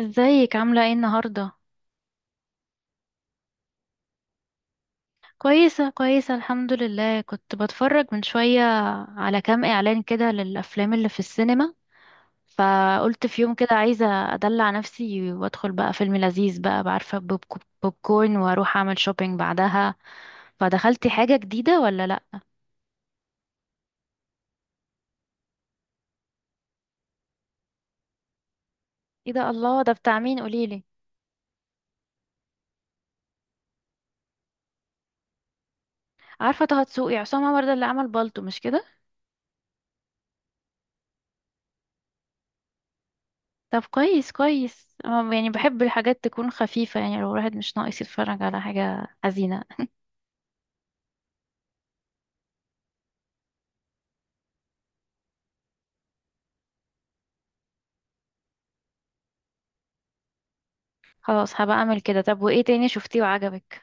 ازيك عاملة ايه النهاردة؟ كويسة الحمد لله، كنت بتفرج من شوية على كام اعلان كده للأفلام اللي في السينما، فقلت في يوم كده عايزة أدلع نفسي وأدخل بقى فيلم لذيذ بقى بعرفة بوب كورن وأروح أعمل شوبينج بعدها. فدخلتي حاجة جديدة ولا لأ؟ ايه ده، الله، ده بتاع مين قوليلي؟ عارفة طه دسوقي، عصام عمر ده اللي عمل بالطو مش كده؟ طب كويس كويس، يعني بحب الحاجات تكون خفيفة، يعني لو الواحد مش ناقص يتفرج على حاجة حزينة. خلاص هبقى اعمل كده. طب وايه تاني شفتيه وعجبك؟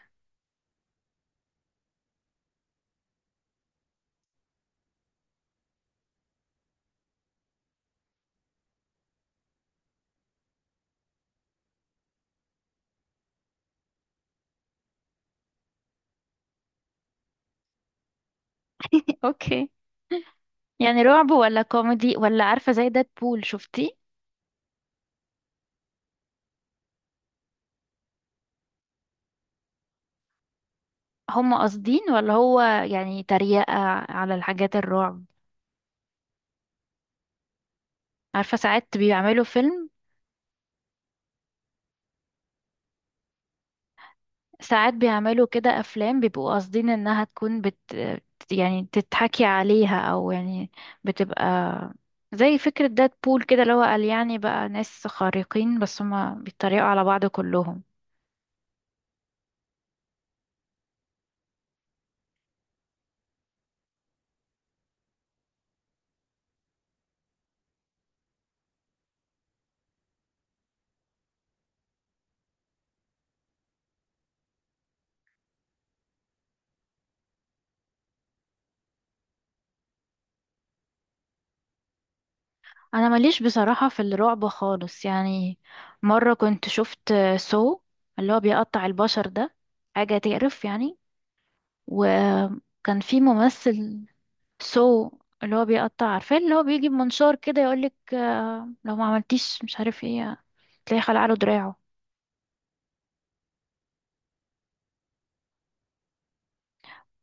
اوكي. يعني رعب ولا كوميدي ولا عارفة زي بول شفتيه؟ هم قاصدين ولا هو يعني تريقة على الحاجات الرعب؟ عارفة ساعات بيعملوا فيلم، ساعات بيعملوا كده أفلام بيبقوا قاصدين إنها تكون بت، يعني تتحكي عليها، أو يعني بتبقى زي فكرة بول كده، اللي هو قال يعني بقى ناس خارقين بس هما بيتريقوا على بعض كلهم. انا ماليش بصراحة في الرعب خالص يعني. مرة كنت شفت سو، اللي هو بيقطع البشر ده، حاجة تقرف يعني. وكان في ممثل سو، اللي هو بيقطع، عارفاه، اللي هو بيجي بمنشار كده يقولك لو ما عملتيش مش عارف ايه، تلاقي خلع له دراعه.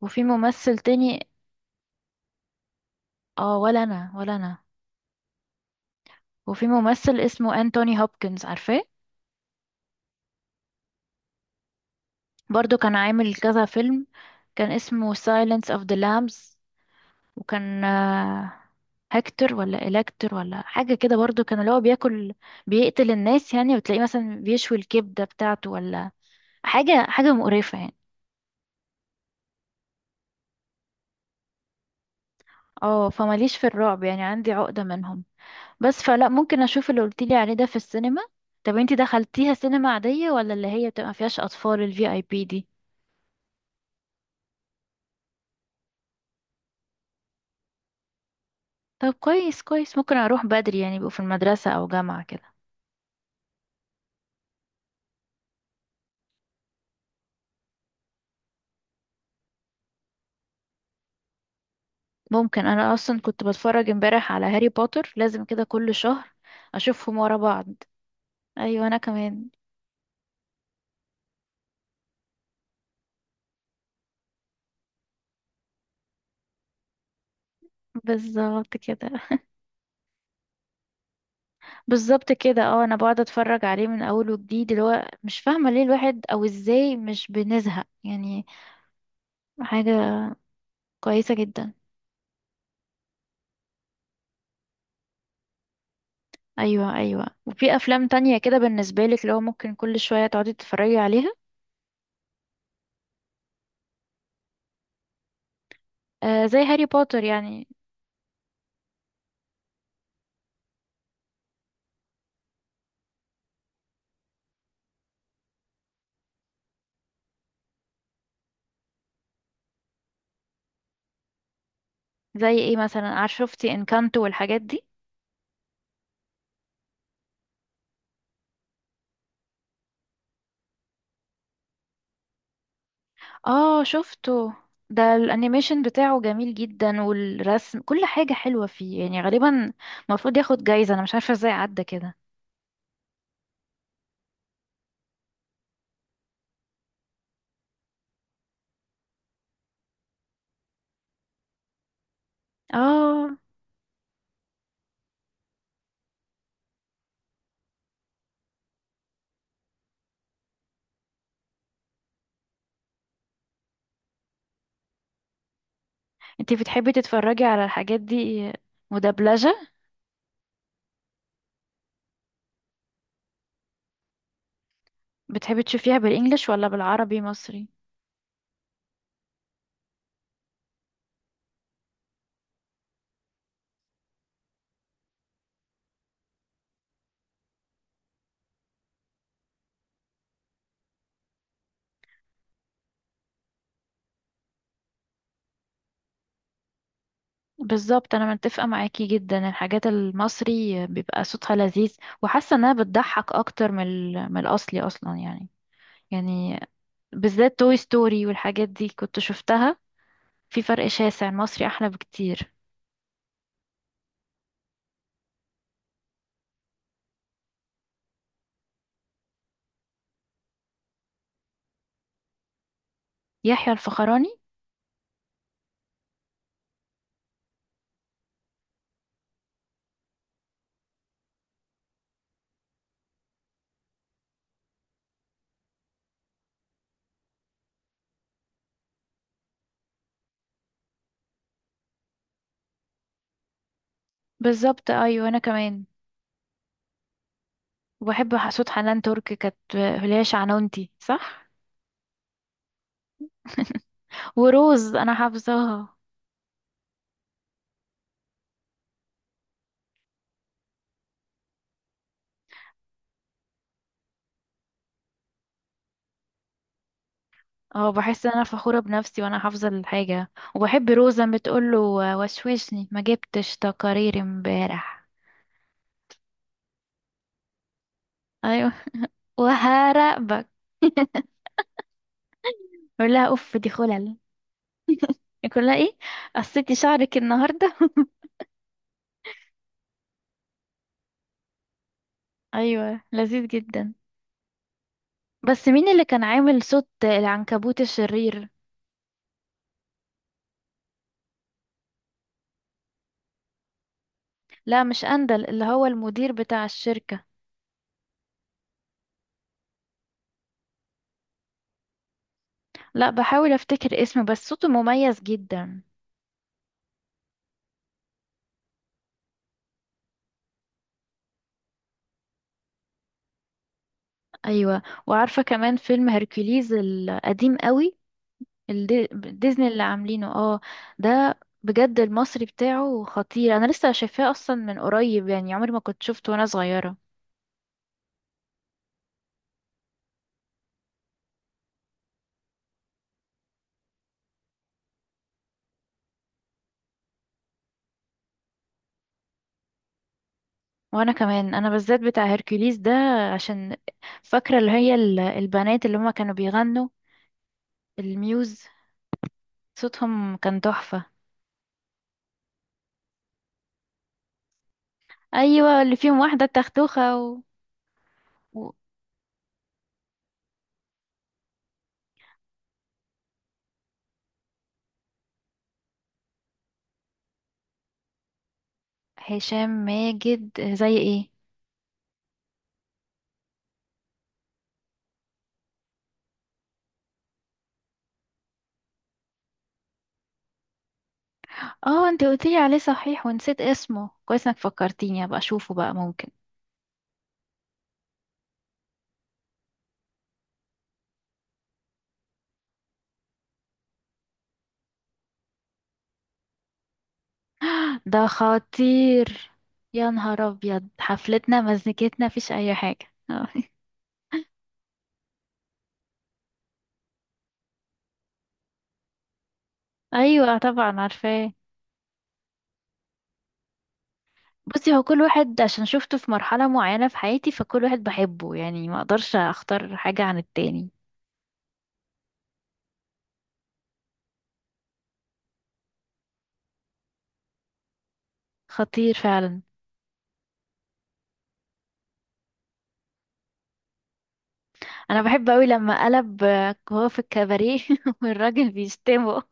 وفي ممثل تاني. اه، ولا انا ولا انا. وفي ممثل اسمه انتوني هوبكنز، عارفاه؟ برضو كان عامل كذا فيلم، كان اسمه Silence of the Lambs، وكان هكتور ولا إلكتور ولا حاجة كده، برضو كان اللي هو بياكل، بيقتل الناس يعني، وتلاقيه مثلا بيشوي الكبدة بتاعته ولا حاجة مقرفة يعني. اه فماليش في الرعب يعني، عندي عقدة منهم بس. فلا، ممكن أشوف اللي قلتيلي عليه ده في السينما. طب انتي دخلتيها سينما عادية ولا اللي هي بتبقى مفيهاش أطفال الـ VIP؟ طب كويس كويس، ممكن أروح بدري يعني يبقوا في المدرسة أو جامعة كده. ممكن أنا أصلا كنت بتفرج امبارح على هاري بوتر، لازم كده كل شهر أشوفهم ورا بعض. ايوه انا كمان. بالظبط كده. بالظبط كده، اه انا بقعد اتفرج عليه من اول وجديد، اللي هو مش فاهمه ليه الواحد او ازاي مش بنزهق يعني، حاجه كويسه جدا. ايوه ايوه، وفي افلام تانية كده بالنسبه لك اللي هو ممكن كل شويه تقعدي تتفرجي عليها؟ آه زي هاري بوتر يعني. زي ايه مثلا؟ عارف، شفتي انكانتو والحاجات دي؟ اه شفته، ده الانيميشن بتاعه جميل جدا، والرسم كل حاجه حلوه فيه يعني، غالبا المفروض ياخد جايزه، انا مش عارفه ازاي عدى كده. اه. انتي بتحبي تتفرجي على الحاجات دي مدبلجة؟ بتحبي تشوفيها بالانجلش ولا بالعربي مصري؟ بالظبط، انا متفقة معاكي جدا، الحاجات المصري بيبقى صوتها لذيذ، وحاسة انها بتضحك اكتر من من الاصلي اصلا يعني، يعني بالذات توي ستوري والحاجات دي كنت شفتها، في فرق شاسع، المصري احلى بكتير. يحيى الفخراني. بالظبط ايوه انا كمان. وبحب صوت حنان ترك، كانت اللي هي شعنونتي صح؟ وروز انا حافظاها. اه بحس ان انا فخورة بنفسي وانا حافظة الحاجة. وبحب روزة بتقوله: وشوشني، ما جبتش تقارير امبارح؟ ايوه، وهراقبك. بقول لها: اوف دي خلل. يقول لها ايه؟ قصيتي شعرك النهاردة؟ ايوه لذيذ جدا. بس مين اللي كان عامل صوت العنكبوت الشرير؟ لا مش اندل، اللي هو المدير بتاع الشركة. لا، بحاول افتكر اسمه بس صوته مميز جدا. ايوه، وعارفة كمان فيلم هركوليز القديم قوي، ديزني اللي عاملينه، اه. ده بجد المصري بتاعه خطير، انا لسه شايفاه اصلا من قريب يعني، عمري ما كنت شفته وانا صغيره. وانا كمان، انا بالذات بتاع هيركوليس ده، عشان فاكره اللي هي البنات اللي هما كانوا بيغنوا، الميوز، صوتهم كان تحفه. ايوه اللي فيهم واحده التختوخه و... و... هشام ماجد زي ايه؟ اه انت قلتيلي عليه صحيح ونسيت اسمه، كويس انك فكرتيني ابقى اشوفه بقى ممكن. ده خطير، يا نهار ابيض، حفلتنا مزنكتنا مفيش اي حاجه آه. ايوه طبعا عارفاه. بصي هو كل واحد عشان شفته في مرحله معينه في حياتي، فكل واحد بحبه يعني، ما اقدرش اختار حاجه عن التاني. خطير فعلا. انا بحب قوي لما قلب هو في الكباريه والراجل بيشتمه.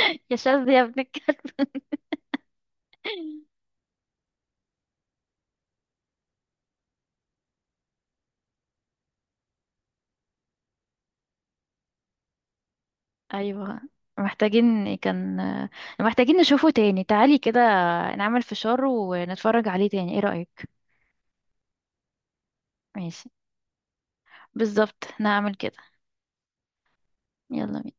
يا شاذ يا ابن الكلب. ايوه، محتاجين كان محتاجين نشوفه تاني، تعالي كده نعمل فشار ونتفرج عليه تاني، ايه رأيك؟ ماشي. بالظبط، نعمل كده. يلا بينا.